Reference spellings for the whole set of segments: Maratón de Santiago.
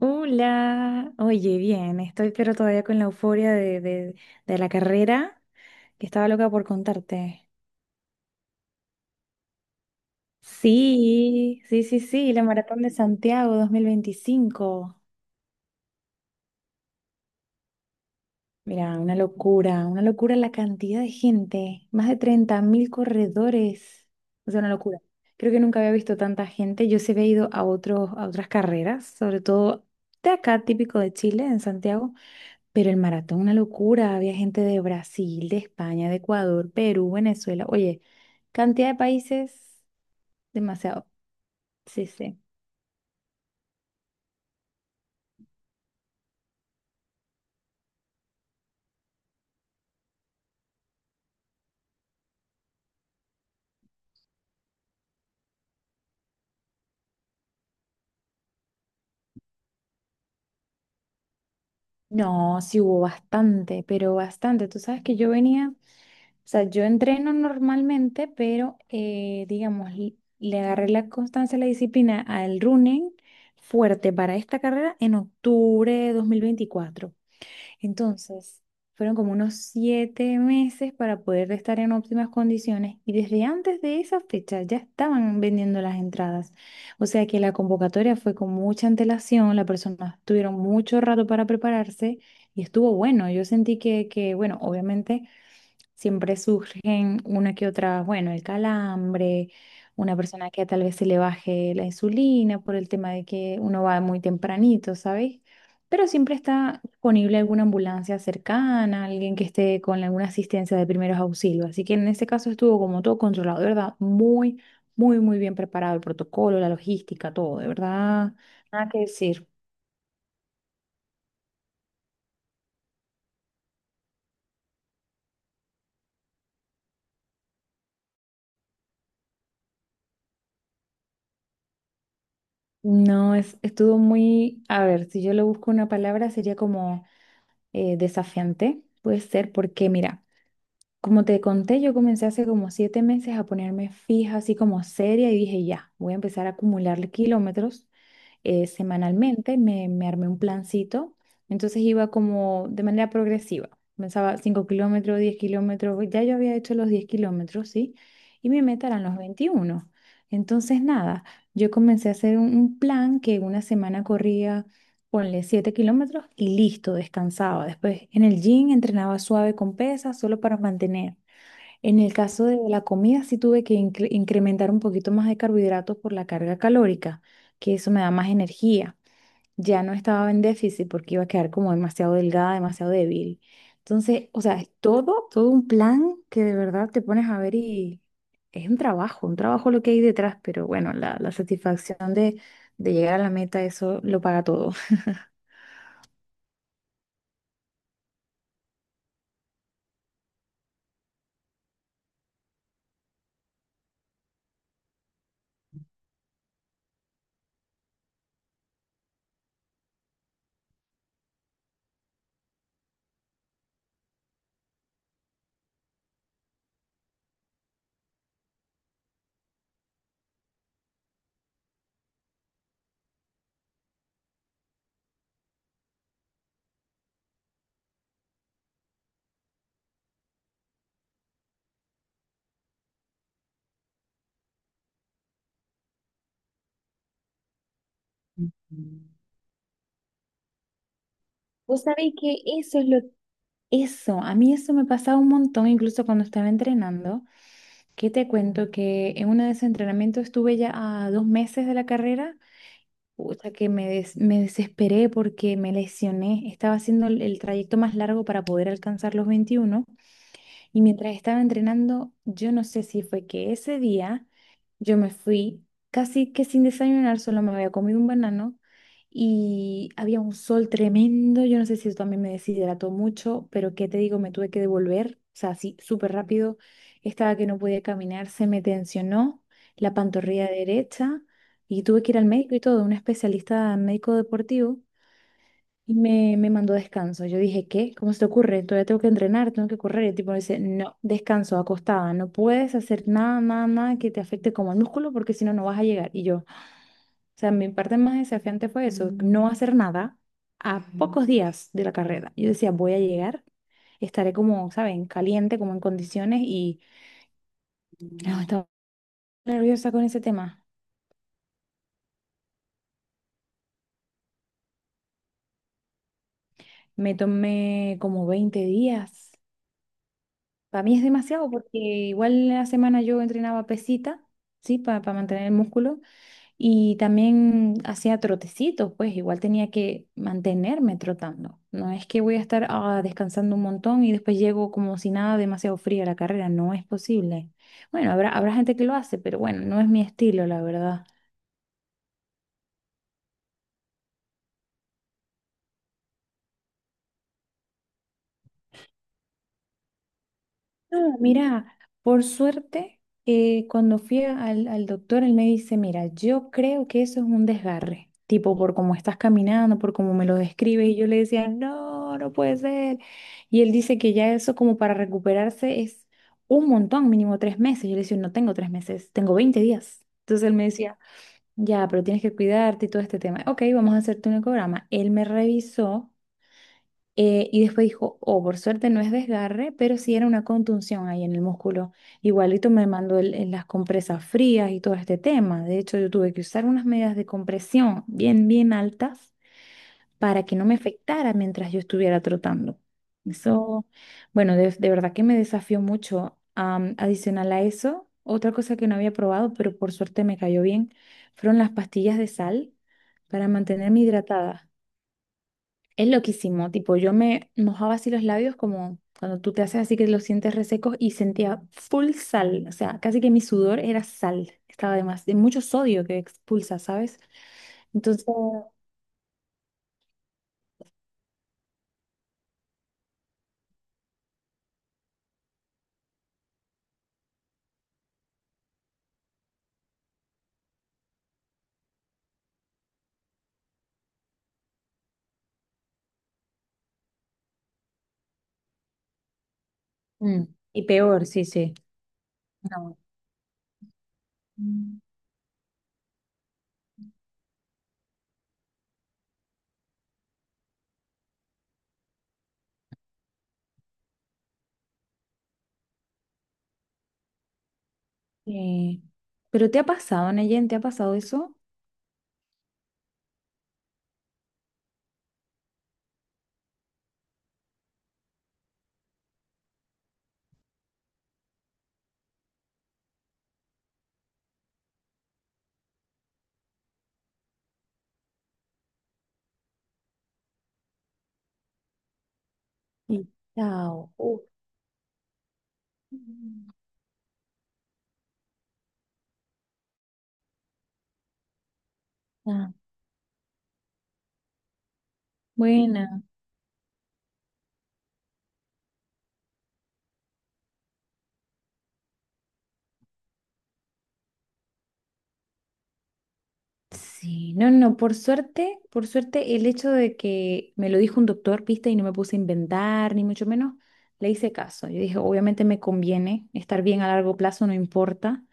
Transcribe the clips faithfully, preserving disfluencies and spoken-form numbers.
Hola, oye, bien, estoy pero todavía con la euforia de, de, de la carrera, que estaba loca por contarte. Sí, sí, sí, sí, la Maratón de Santiago dos mil veinticinco. Mira, una locura, una locura la cantidad de gente, más de treinta mil corredores, o sea, una locura. Creo que nunca había visto tanta gente, yo se había ido a, otros, a otras carreras, sobre todo de acá, típico de Chile, en Santiago. Pero el maratón, una locura. Había gente de Brasil, de España, de Ecuador, Perú, Venezuela. Oye, cantidad de países, demasiado. Sí, sí. No, sí hubo bastante, pero bastante. Tú sabes que yo venía, o sea, yo entreno normalmente, pero eh, digamos, l- le agarré la constancia, la disciplina al running fuerte para esta carrera en octubre de dos mil veinticuatro. Entonces, fueron como unos siete meses para poder estar en óptimas condiciones y desde antes de esa fecha ya estaban vendiendo las entradas. O sea que la convocatoria fue con mucha antelación, las personas tuvieron mucho rato para prepararse y estuvo bueno. Yo sentí que, que bueno, obviamente. Siempre surgen una que otra, bueno, el calambre, una persona que tal vez se le baje la insulina por el tema de que uno va muy tempranito, ¿sabes? Pero siempre está disponible alguna ambulancia cercana, alguien que esté con alguna asistencia de primeros auxilios. Así que en este caso estuvo como todo controlado, de verdad, muy, muy, muy bien preparado el protocolo, la logística, todo, de verdad, nada que decir. No, es, estuvo muy, a ver, si yo le busco una palabra sería como eh, desafiante. Puede ser porque, mira, como te conté, yo comencé hace como siete meses a ponerme fija, así como seria, y dije, ya, voy a empezar a acumularle kilómetros eh, semanalmente, me, me armé un plancito, entonces iba como de manera progresiva, pensaba cinco kilómetros, diez kilómetros, ya yo había hecho los diez kilómetros, ¿sí? Y mi meta eran los veintiuno. Entonces, nada, yo comencé a hacer un, un plan que una semana corría, ponle siete kilómetros y listo, descansaba. Después en el gym entrenaba suave con pesas solo para mantener. En el caso de la comida, sí tuve que incre- incrementar un poquito más de carbohidratos por la carga calórica, que eso me da más energía. Ya no estaba en déficit porque iba a quedar como demasiado delgada, demasiado débil. Entonces, o sea, es todo, todo un plan que de verdad te pones a ver y es un trabajo, un trabajo lo que hay detrás, pero bueno, la, la satisfacción de, de llegar a la meta, eso lo paga todo. Ujú. Vos sabéis que eso es lo, eso, a mí eso me pasaba un montón, incluso cuando estaba entrenando. ¿Qué te cuento? Que en uno de esos entrenamientos estuve ya a dos meses de la carrera, pucha, que me, des- me desesperé porque me lesioné. Estaba haciendo el, el trayecto más largo para poder alcanzar los veintiuno. Y mientras estaba entrenando, yo no sé si fue que ese día yo me fui casi que sin desayunar, solo me había comido un banano y había un sol tremendo. Yo no sé si eso también me deshidrató mucho, pero qué te digo, me tuve que devolver, o sea, así súper rápido. Estaba que no podía caminar, se me tensionó la pantorrilla derecha y tuve que ir al médico y todo, un especialista médico deportivo. Y me, me mandó descanso. Yo dije, ¿qué? ¿Cómo se te ocurre? Todavía tengo que entrenar, tengo que correr. Y el tipo me dice, no, descanso, acostada. No puedes hacer nada, nada, nada que te afecte como el músculo porque si no, no vas a llegar. Y yo, o sea, mi parte más desafiante fue eso, no hacer nada a pocos días de la carrera. Yo decía, voy a llegar, estaré como, ¿saben? Caliente, como en condiciones y no, estaba nerviosa con ese tema. Me tomé como veinte días. Para mí es demasiado porque igual la semana yo entrenaba pesita, ¿sí? Para mantener el músculo y también hacía trotecitos, pues igual tenía que mantenerme trotando. No es que voy a estar ah, descansando un montón y después llego como si nada demasiado fría a la carrera, no es posible. Bueno, habrá, habrá gente que lo hace, pero bueno, no es mi estilo, la verdad. Mira, por suerte, eh, cuando fui al, al doctor, él me dice, mira, yo creo que eso es un desgarre, tipo por cómo estás caminando, por cómo me lo describes, y yo le decía, no, no puede ser. Y él dice que ya eso como para recuperarse es un montón, mínimo tres meses. Yo le decía, no tengo tres meses, tengo veinte días. Entonces él me decía, ya, pero tienes que cuidarte y todo este tema. Ok, vamos a hacerte un ecograma. Él me revisó. Eh, y después dijo, oh, por suerte no es desgarre, pero sí era una contunción ahí en el músculo. Igualito me mandó el- el- las compresas frías y todo este tema. De hecho, yo tuve que usar unas medidas de compresión bien, bien altas para que no me afectara mientras yo estuviera trotando. Eso, bueno, de, de verdad que me desafió mucho. Am, adicional a eso, otra cosa que no había probado, pero por suerte me cayó bien, fueron las pastillas de sal para mantenerme hidratada. Es loquísimo, tipo, yo me mojaba así los labios como cuando tú te haces así que los sientes resecos y sentía full sal, o sea, casi que mi sudor era sal, estaba además de mucho sodio que expulsa, ¿sabes? Entonces, Mm, y peor, sí, sí. No. mm, eh, ¿pero te ha pasado, Neyen? ¿Te ha pasado eso? Mm. Chao. Uh, Mm. Ah, buena. Sí, no, no, no, por suerte, por suerte el hecho de que me lo dijo un doctor, viste, y no me puse a inventar, ni mucho menos, le hice caso. Yo dije, obviamente me conviene estar bien a largo plazo, no importa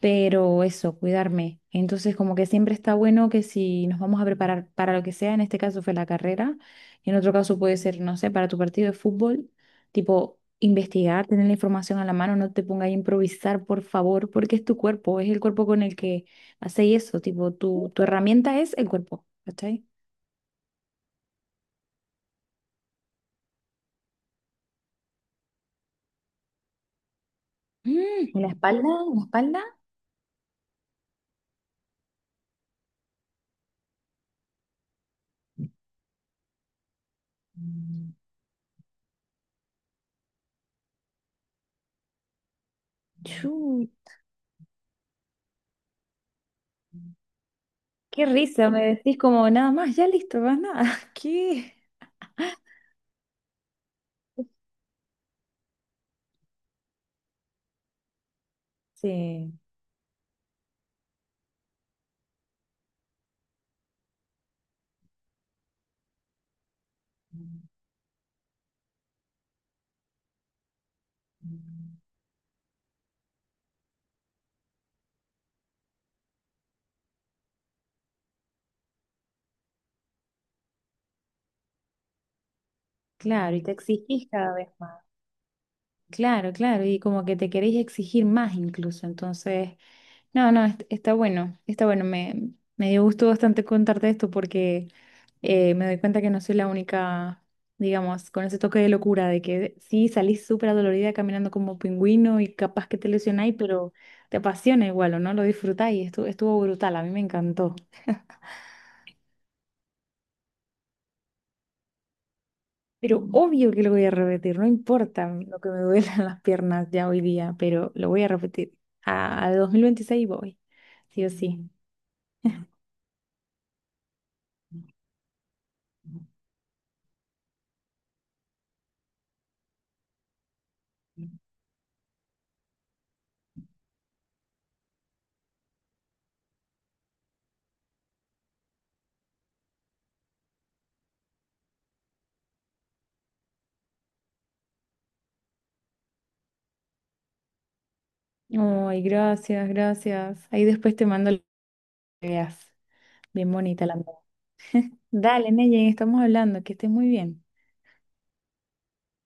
pero eso, cuidarme. Entonces, como que siempre está bueno que si nos vamos a preparar para lo que sea, en este caso fue la carrera, en otro caso puede ser, no sé, para tu partido de fútbol, tipo investigar, tener la información a la mano, no te pongas a improvisar, por favor, porque es tu cuerpo, es el cuerpo con el que hacéis eso, tipo tu, tu herramienta es el cuerpo, ¿cachai? Mm, ¿y la espalda? ¿En ¿La espalda? Mm. Chu, qué risa, me decís como nada más, ya listo, más nada. ¿Qué? Sí. Claro, y te exigís cada vez más. Claro, claro, y como que te queréis exigir más incluso. Entonces, no, no, est- está bueno, está bueno. Me, me dio gusto bastante contarte esto porque eh, me doy cuenta que no soy la única, digamos, con ese toque de locura de que sí salís súper adolorida caminando como pingüino y capaz que te lesionáis, pero te apasiona igual, ¿o no? Lo disfrutáis. Estuvo, estuvo brutal, a mí me encantó. Pero obvio que lo voy a repetir, no importa lo que me duelan las piernas ya hoy día, pero lo voy a repetir. A, a dos mil veintiséis voy, sí o sí. Ay, gracias, gracias. Ahí después te mando lo que veas. Bien bonita la moda. Dale, Neyen, estamos hablando, que estés muy bien.